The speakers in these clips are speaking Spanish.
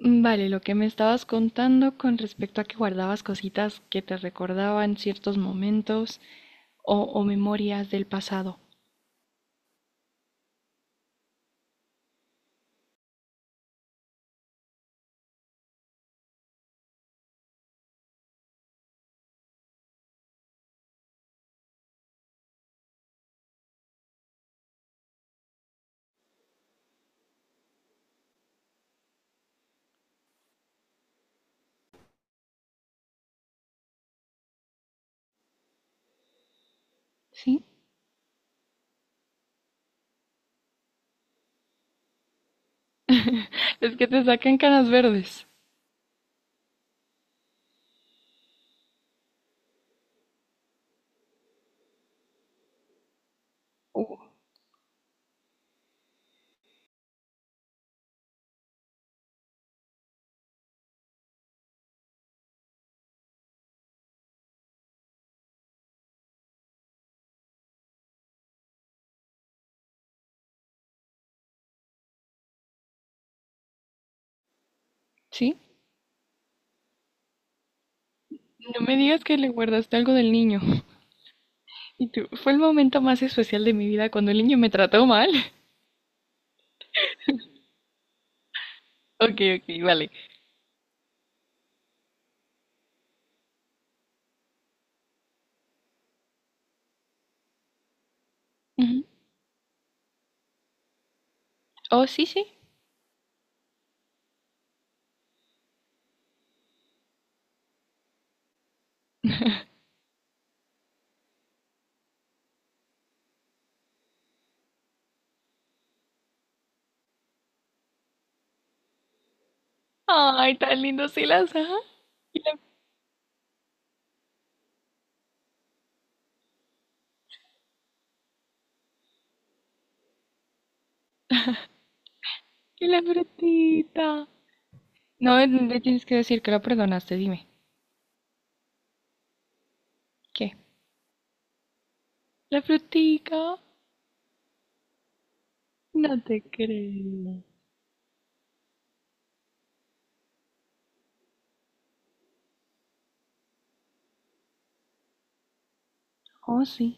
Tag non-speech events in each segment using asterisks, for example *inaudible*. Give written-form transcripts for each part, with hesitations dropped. Vale, lo que me estabas contando con respecto a que guardabas cositas que te recordaban ciertos momentos o memorias del pasado. ¿Sí? *laughs* Es que te sacan canas verdes. Uh, ¿Sí? No me digas que le guardaste algo del niño. Y tú, fue el momento más especial de mi vida cuando el niño me trató mal. *laughs* Ok, ok, vale. Ujú. Oh, sí, sí. Ay, tan lindo, sí las, ajá. Y la, y la frutita. No, me tienes que decir que lo perdonaste, dime. ¿Qué? La frutica. No te creo. Oh, sí,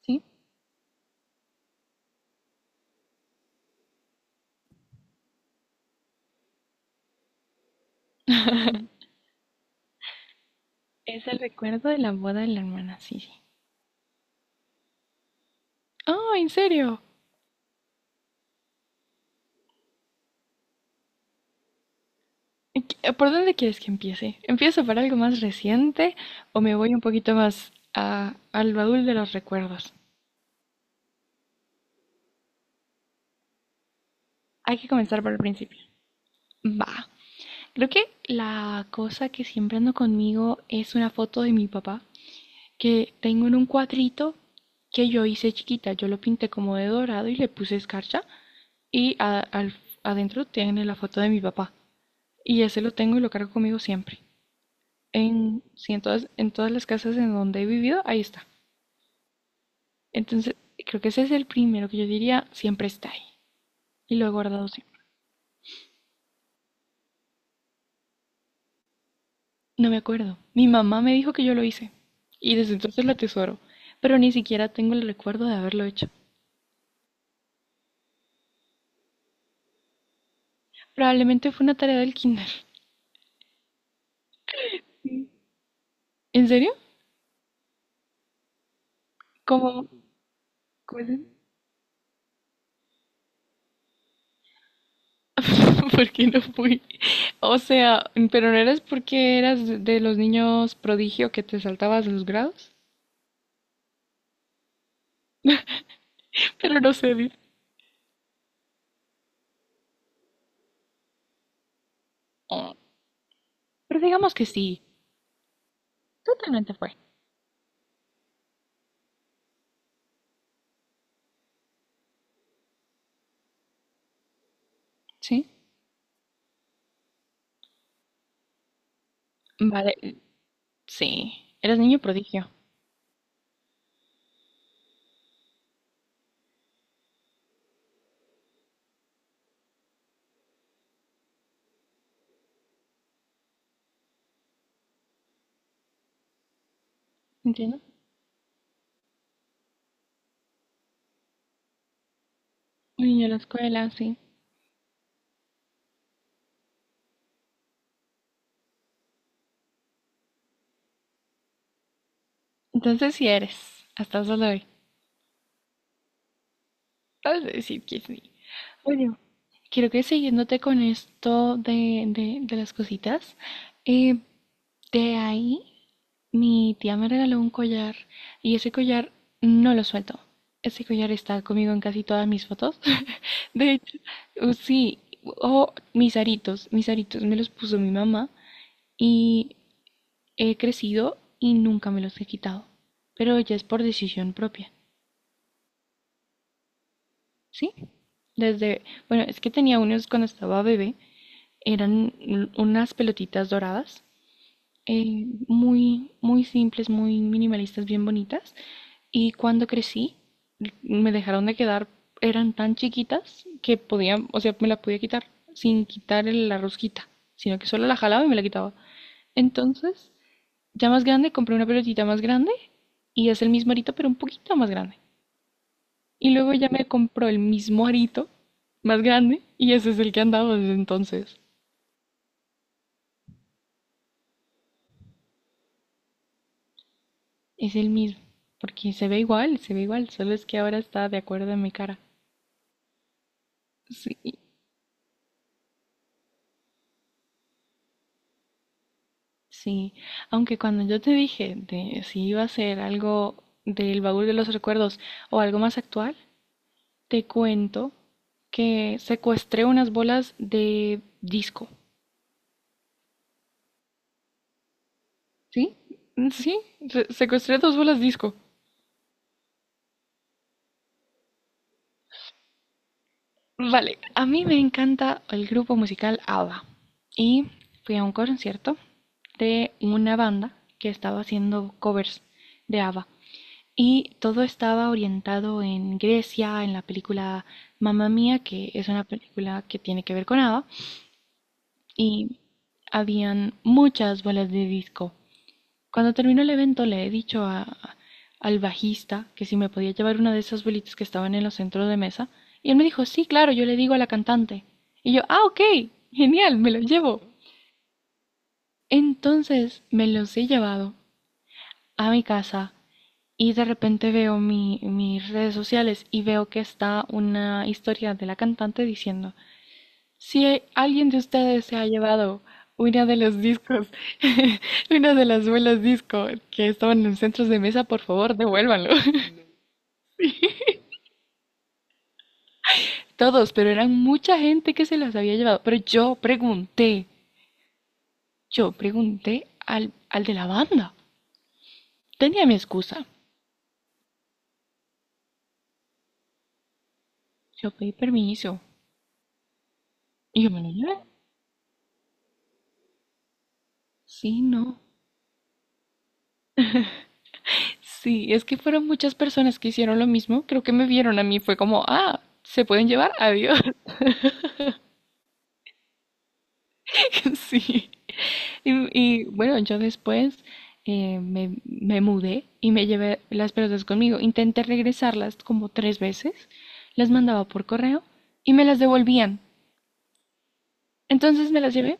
sí. Es el recuerdo de la boda de la hermana, sí, sí. Oh, ¿en serio? ¿Y qué- ¿Por dónde quieres que empiece? ¿Empiezo por algo más reciente o me voy un poquito más al baúl de los recuerdos? Hay que comenzar por el principio. Va. Creo que la cosa que siempre ando conmigo es una foto de mi papá que tengo en un cuadrito que yo hice chiquita. Yo lo pinté como de dorado y le puse escarcha y adentro tiene la foto de mi papá. Y ese lo tengo y lo cargo conmigo siempre. Sí, en todas las casas en donde he vivido, ahí está. Entonces, creo que ese es el primero que yo diría, siempre está ahí. Y lo he guardado siempre. No me acuerdo. Mi mamá me dijo que yo lo hice. Y desde entonces lo atesoro. Pero ni siquiera tengo el recuerdo de haberlo hecho. Probablemente fue una tarea del kinder. ¿En serio? ¿Cómo? ¿Cómo es? *laughs* Porque no fui. O sea, pero no eras porque eras de los niños prodigio que te saltabas los grados. *laughs* Pero no sé. Oh, pero digamos que sí. Totalmente fue. ¿Sí? Vale, sí. Eras niño prodigio. ¿Entiendo? Un niño de la escuela, sí. Entonces sí eres. Hasta el sol de hoy. Vas a decir que sí. Bueno, quiero que siguiéndote con esto de las cositas. eh, de ahí. Mi tía me regaló un collar y ese collar no lo suelto. Ese collar está conmigo en casi todas mis fotos. *laughs* De hecho, sí, o mis aritos me los puso mi mamá y he crecido y nunca me los he quitado. Pero ya es por decisión propia, ¿sí? Desde, bueno, es que tenía unos cuando estaba bebé, eran unas pelotitas doradas, muy, muy simples, muy minimalistas, bien bonitas. Y cuando crecí, me dejaron de quedar, eran tan chiquitas que podía, o sea, me la podía quitar sin quitar la rosquita, sino que solo la jalaba y me la quitaba. Entonces, ya más grande, compré una pelotita más grande y es el mismo arito, pero un poquito más grande. Y luego ya me compró el mismo arito más grande y ese es el que han dado desde entonces. Es el mismo, porque se ve igual, solo es que ahora está de acuerdo a mi cara. Sí, sí. Aunque cuando yo te dije de si iba a ser algo del baúl de los recuerdos o algo más actual, te cuento que secuestré unas bolas de disco. ¿Sí? Sí, secuestré dos bolas disco. Vale, a mí me encanta el grupo musical ABBA y fui a un concierto de una banda que estaba haciendo covers de ABBA. Y todo estaba orientado en Grecia, en la película Mamma Mía, que es una película que tiene que ver con ABBA, y habían muchas bolas de disco. Cuando terminó el evento le he dicho al bajista que si me podía llevar una de esas bolitas que estaban en los centros de mesa, y él me dijo, sí, claro, yo le digo a la cantante. Y yo, ah, ok, genial, me lo llevo. Entonces me los he llevado a mi casa. Y de repente veo mis redes sociales y veo que está una historia de la cantante diciendo, si alguien de ustedes se ha llevado una de los discos, *laughs* una de las bolas disco que estaban en centros de mesa, por favor, devuélvanlo. *laughs* Todos, pero eran mucha gente que se las había llevado. Pero yo pregunté al, al de la banda. Tenía mi excusa. Yo pedí permiso. ¿Y yo me lo llevé? Sí, no. Sí, es que fueron muchas personas que hicieron lo mismo. Creo que me vieron a mí, fue como, ah, se pueden llevar, adiós. *laughs* Sí. Y, y, bueno, yo después, me mudé y me llevé las pelotas conmigo. Intenté regresarlas como tres veces, las mandaba por correo y me las devolvían. Entonces me las llevé,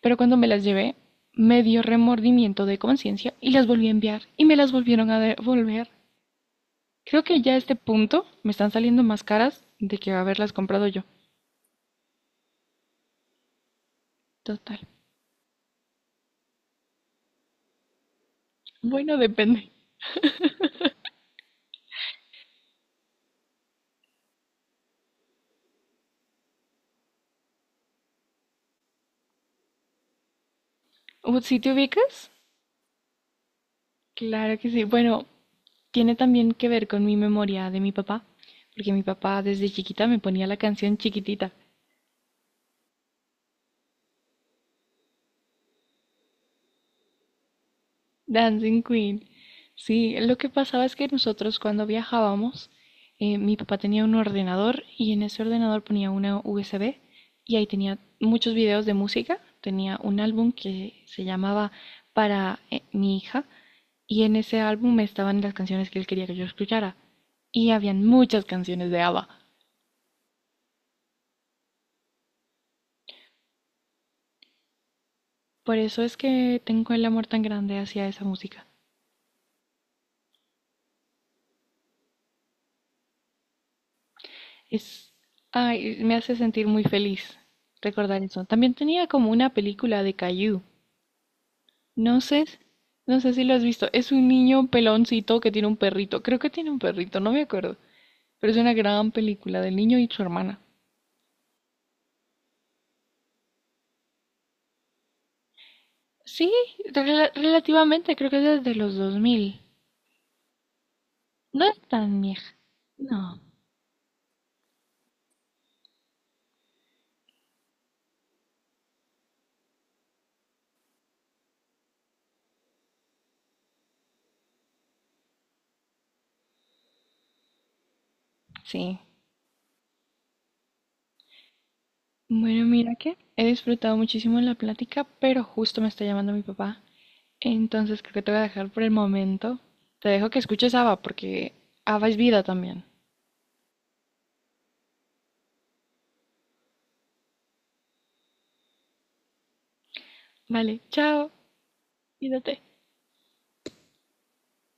pero cuando me las llevé, me dio remordimiento de conciencia y las volví a enviar y me las volvieron a devolver. Creo que ya a este punto me están saliendo más caras de que haberlas comprado yo. Total. Bueno, depende. ¿O ¿Sí te ubicas? Claro que sí. Bueno, tiene también que ver con mi memoria de mi papá, porque mi papá desde chiquita me ponía la canción chiquitita, Dancing Queen. Sí, lo que pasaba es que nosotros cuando viajábamos, mi papá tenía un ordenador y en ese ordenador ponía una USB y ahí tenía muchos videos de música. Tenía un álbum que se llamaba Para, mi hija. Y en ese álbum estaban las canciones que él quería que yo escuchara. Y habían muchas canciones de ABBA. Por eso es que tengo el amor tan grande hacia esa música. Es, ay, me hace sentir muy feliz recordar eso. También tenía como una película de Caillou. No sé, no sé si lo has visto. Es un niño peloncito que tiene un perrito. Creo que tiene un perrito, no me acuerdo. Pero es una gran película del niño y su hermana. Sí, relativamente, creo que es desde los 2000. No es tan vieja. No. Sí. Bueno, mira que he disfrutado muchísimo la plática, pero justo me está llamando mi papá. Entonces creo que te voy a dejar por el momento. Te dejo que escuches ABBA porque ABBA es vida también. Vale, chao. Cuídate.